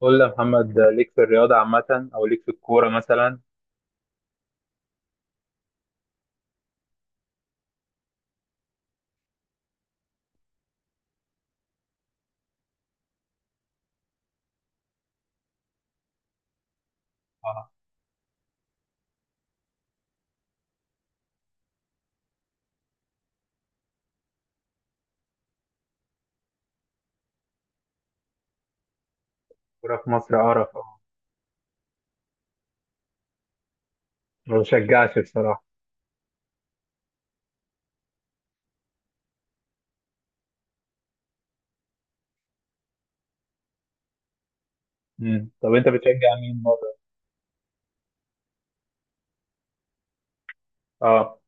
قول لي يا محمد، ليك في الرياضة عامة أو ليك في الكورة مثلا؟ اه. الكورة في مصر قرف، اه. ما بشجعش بصراحة. مم. طب أنت بتشجع مين بره؟ اه.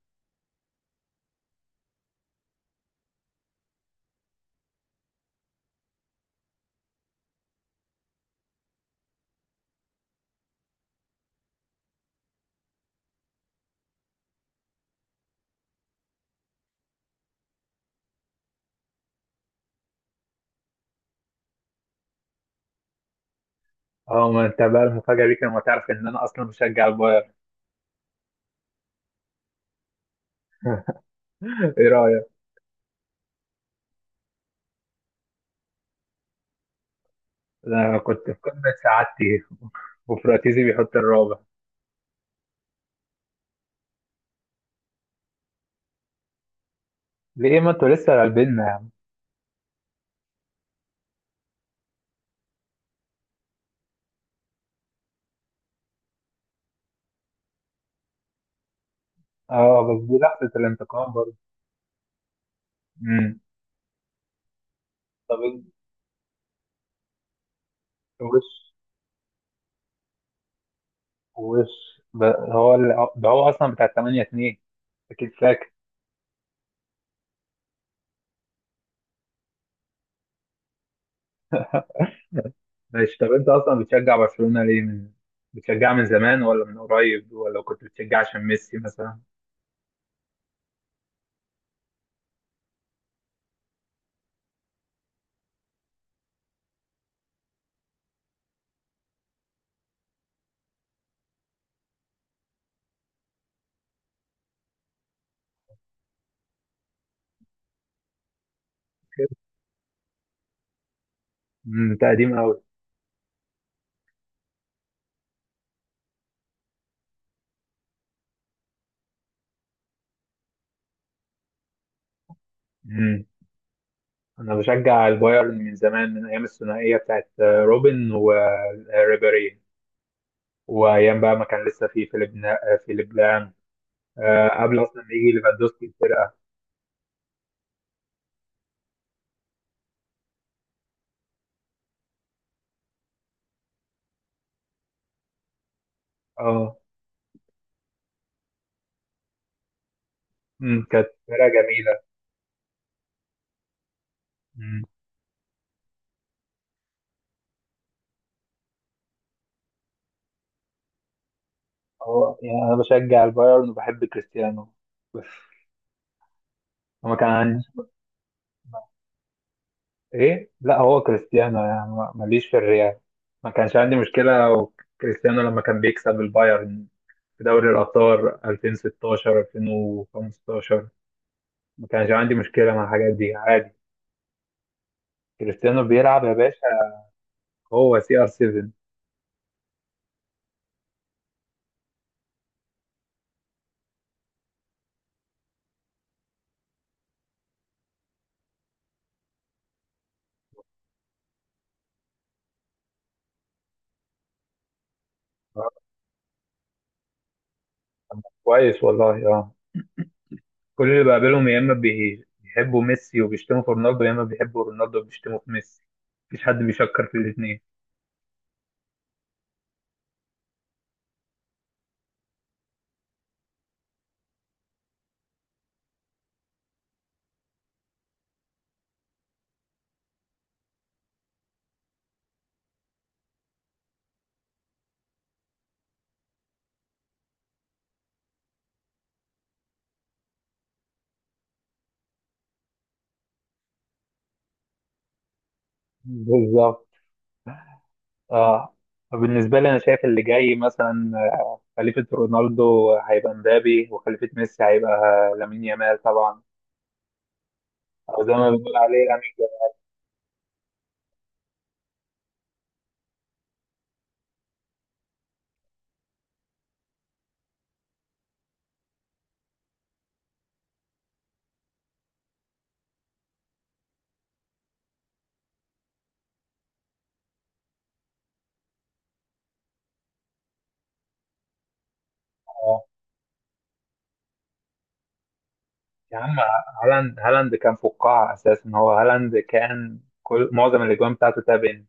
اه، ما أنت بقى المفاجأة ليك لما تعرف إن أنا أصلا بشجع البايرن. إيه رأيك؟ أنا كنت في قمة سعادتي. وفراتيزي بيحط الرابع. ليه؟ ما أنتوا لسه غالبيننا يا عم. اه، بس دي لحظة الانتقام برضه. مم. طب، وش وش ب- ده هو أصلا بتاع 8-2. أكيد فاكر. ماشي، طب انت اصلا بتشجع برشلونة ليه؟ من... بتشجع من زمان، ولا من قريب، ولا كنت بتشجع عشان ميسي مثلا؟ كده. انت قديم قوي. امم. انا بشجع البايرن من زمان، من ايام الثنائية بتاعت روبن وريبيري، وايام بقى ما كان لسه في فيليب لام، قبل اصلا ما يجي ليفاندوسكي الفرقة. اه. كانت فرقة جميلة. امم. اه، يعني انا بشجع البايرن وبحب كريستيانو بس. هو كان عندي... ايه، لا هو كريستيانو يعني ماليش في الريال. ما كانش عندي مشكلة لو كريستيانو لما كان بيكسب البايرن في دوري الأبطال 2016 2015، ما كانش عندي مشكلة مع الحاجات دي عادي. كريستيانو بيلعب يا باشا. هو CR7. كويس والله، اه. كل اللي بقابلهم يا اما بيحبوا ميسي وبيشتموا في رونالدو، يا اما بيحبوا رونالدو وبيشتموا في ميسي. مفيش حد بيشكر في الاثنين. بالظبط، اه. بالنسبة لي، أنا شايف اللي جاي مثلا، خليفة رونالدو هيبقى مبابي، وخليفة ميسي هيبقى لامين يامال طبعا، أو زي ما بنقول عليه لامين جمال. آه. يا عم، هالاند هالاند كان فقاعة أساسا. هو هالاند كان كل معظم الأجوان بتاعته تابن.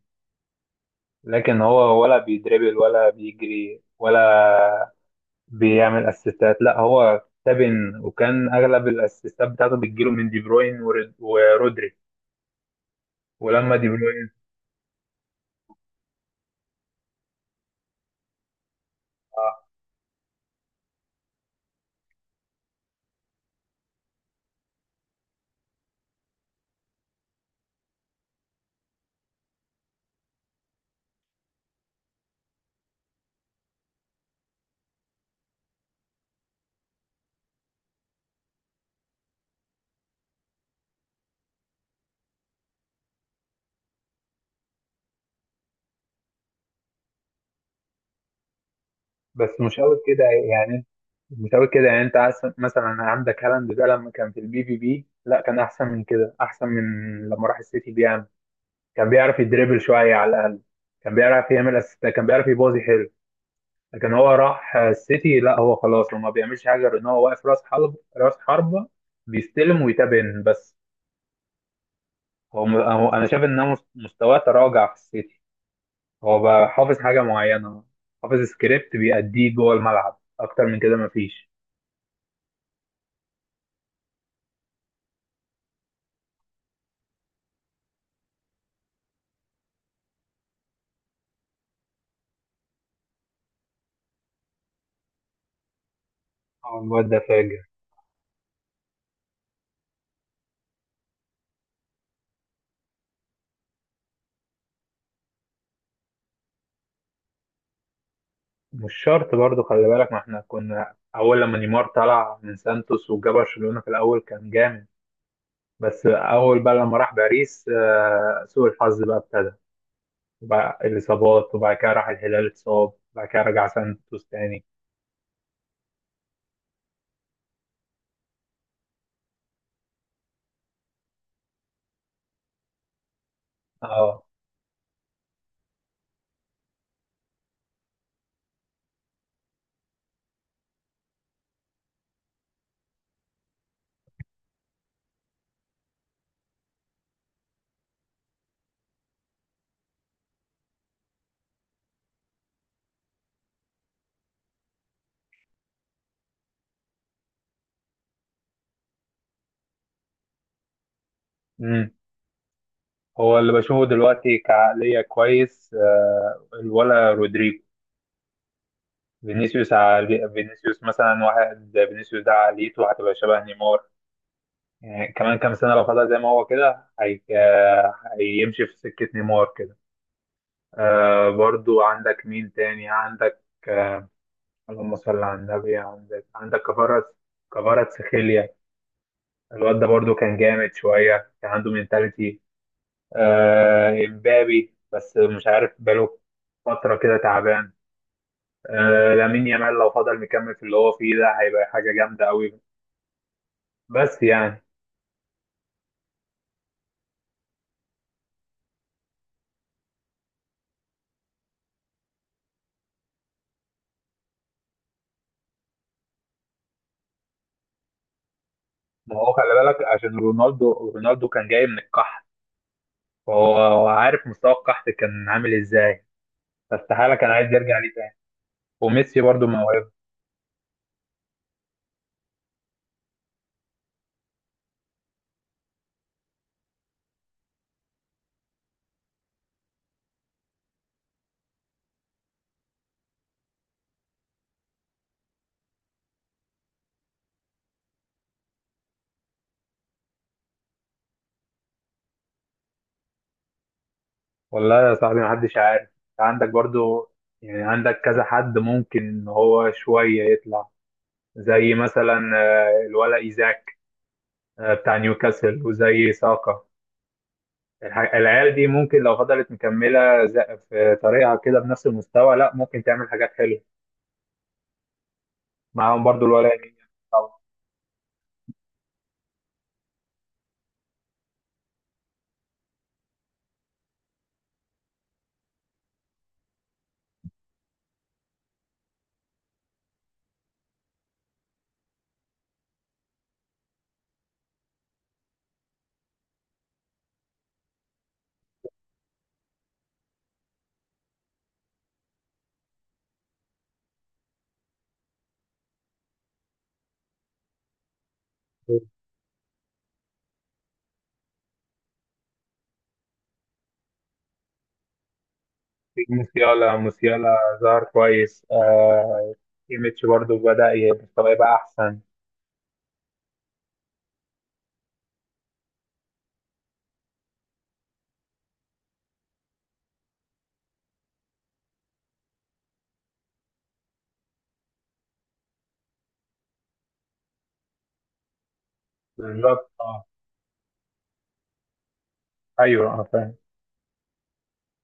لكن هو ولا بيدربل ولا بيجري ولا بيعمل أسيستات، لا هو تابن، وكان أغلب الأسيستات بتاعته بتجيله من دي بروين ورودري. ولما دي بروين... بس مش قوي كده يعني. مش قوي كده يعني، انت عايز مثلا، عندك هالاند ده لما كان في البي في بي لا كان احسن من كده، احسن من لما راح السيتي. بيعمل... كان بيعرف يدريبل شويه على الاقل، كان بيعرف يعمل اسيست، كان بيعرف يبازي حلو. لكن هو راح السيتي لا، هو خلاص، هو ما بيعملش حاجه غير ان هو واقف راس حربه، بيستلم ويتابن بس. هو انا شايف ان هو مستواه تراجع في السيتي. هو بقى حافظ حاجه معينه، حافظ سكريبت بيأديه جوه الملعب، اكتر من كده مفيش. اه، الواد ده فاجر. مش شرط برضو، خلي بالك، ما احنا كنا اول لما نيمار طلع من سانتوس وجا برشلونة في الاول كان جامد. بس اول بقى لما راح باريس، سوء الحظ بقى ابتدى. بقى الاصابات، وبعد كده راح الهلال اتصاب، وبعد كده رجع سانتوس تاني. اه. امم. هو اللي بشوفه دلوقتي كعقلية كويس، الولا رودريجو. فينيسيوس مثلا. واحد، فينيسيوس ده عقليته هتبقى شبه نيمار يعني. كمان كام سنة لو فضل زي ما هو كده، هي... آه، هيمشي في سكة نيمار كده. برضو عندك مين تاني؟ عندك آه اللهم صل على النبي. عندك كفارة، كفارة سخيليا. الواد ده برضو كان جامد شوية، كان عنده مينتاليتي. امبابي بس، مش عارف بقاله فترة كده تعبان. لامين يامال لو فضل مكمل في اللي هو فيه ده، هيبقى حاجة جامدة قوي بس يعني. ما هو خلي بالك، عشان رونالدو رونالدو كان جاي من القحط، وهو عارف مستوى القحط كان عامل ازاي، فاستحالة كان عايز يرجع ليه تاني. وميسي برضو موهبة. والله يا صاحبي محدش عارف. عندك برضو، يعني عندك كذا حد ممكن ان هو شوية يطلع. زي مثلا الولا ايزاك، بتاع نيوكاسل، وزي ساكا. العيال دي ممكن لو فضلت مكملة، في طريقها كده بنفس المستوى، لا ممكن تعمل حاجات حلوة معاهم. برضو الولا يمين طبعا. موسيالا موسيالا ظهر كويس، آه. ايميتش برضو بدأ يبقى احسن. بالظبط، اه. ايوه، اه، فاهم.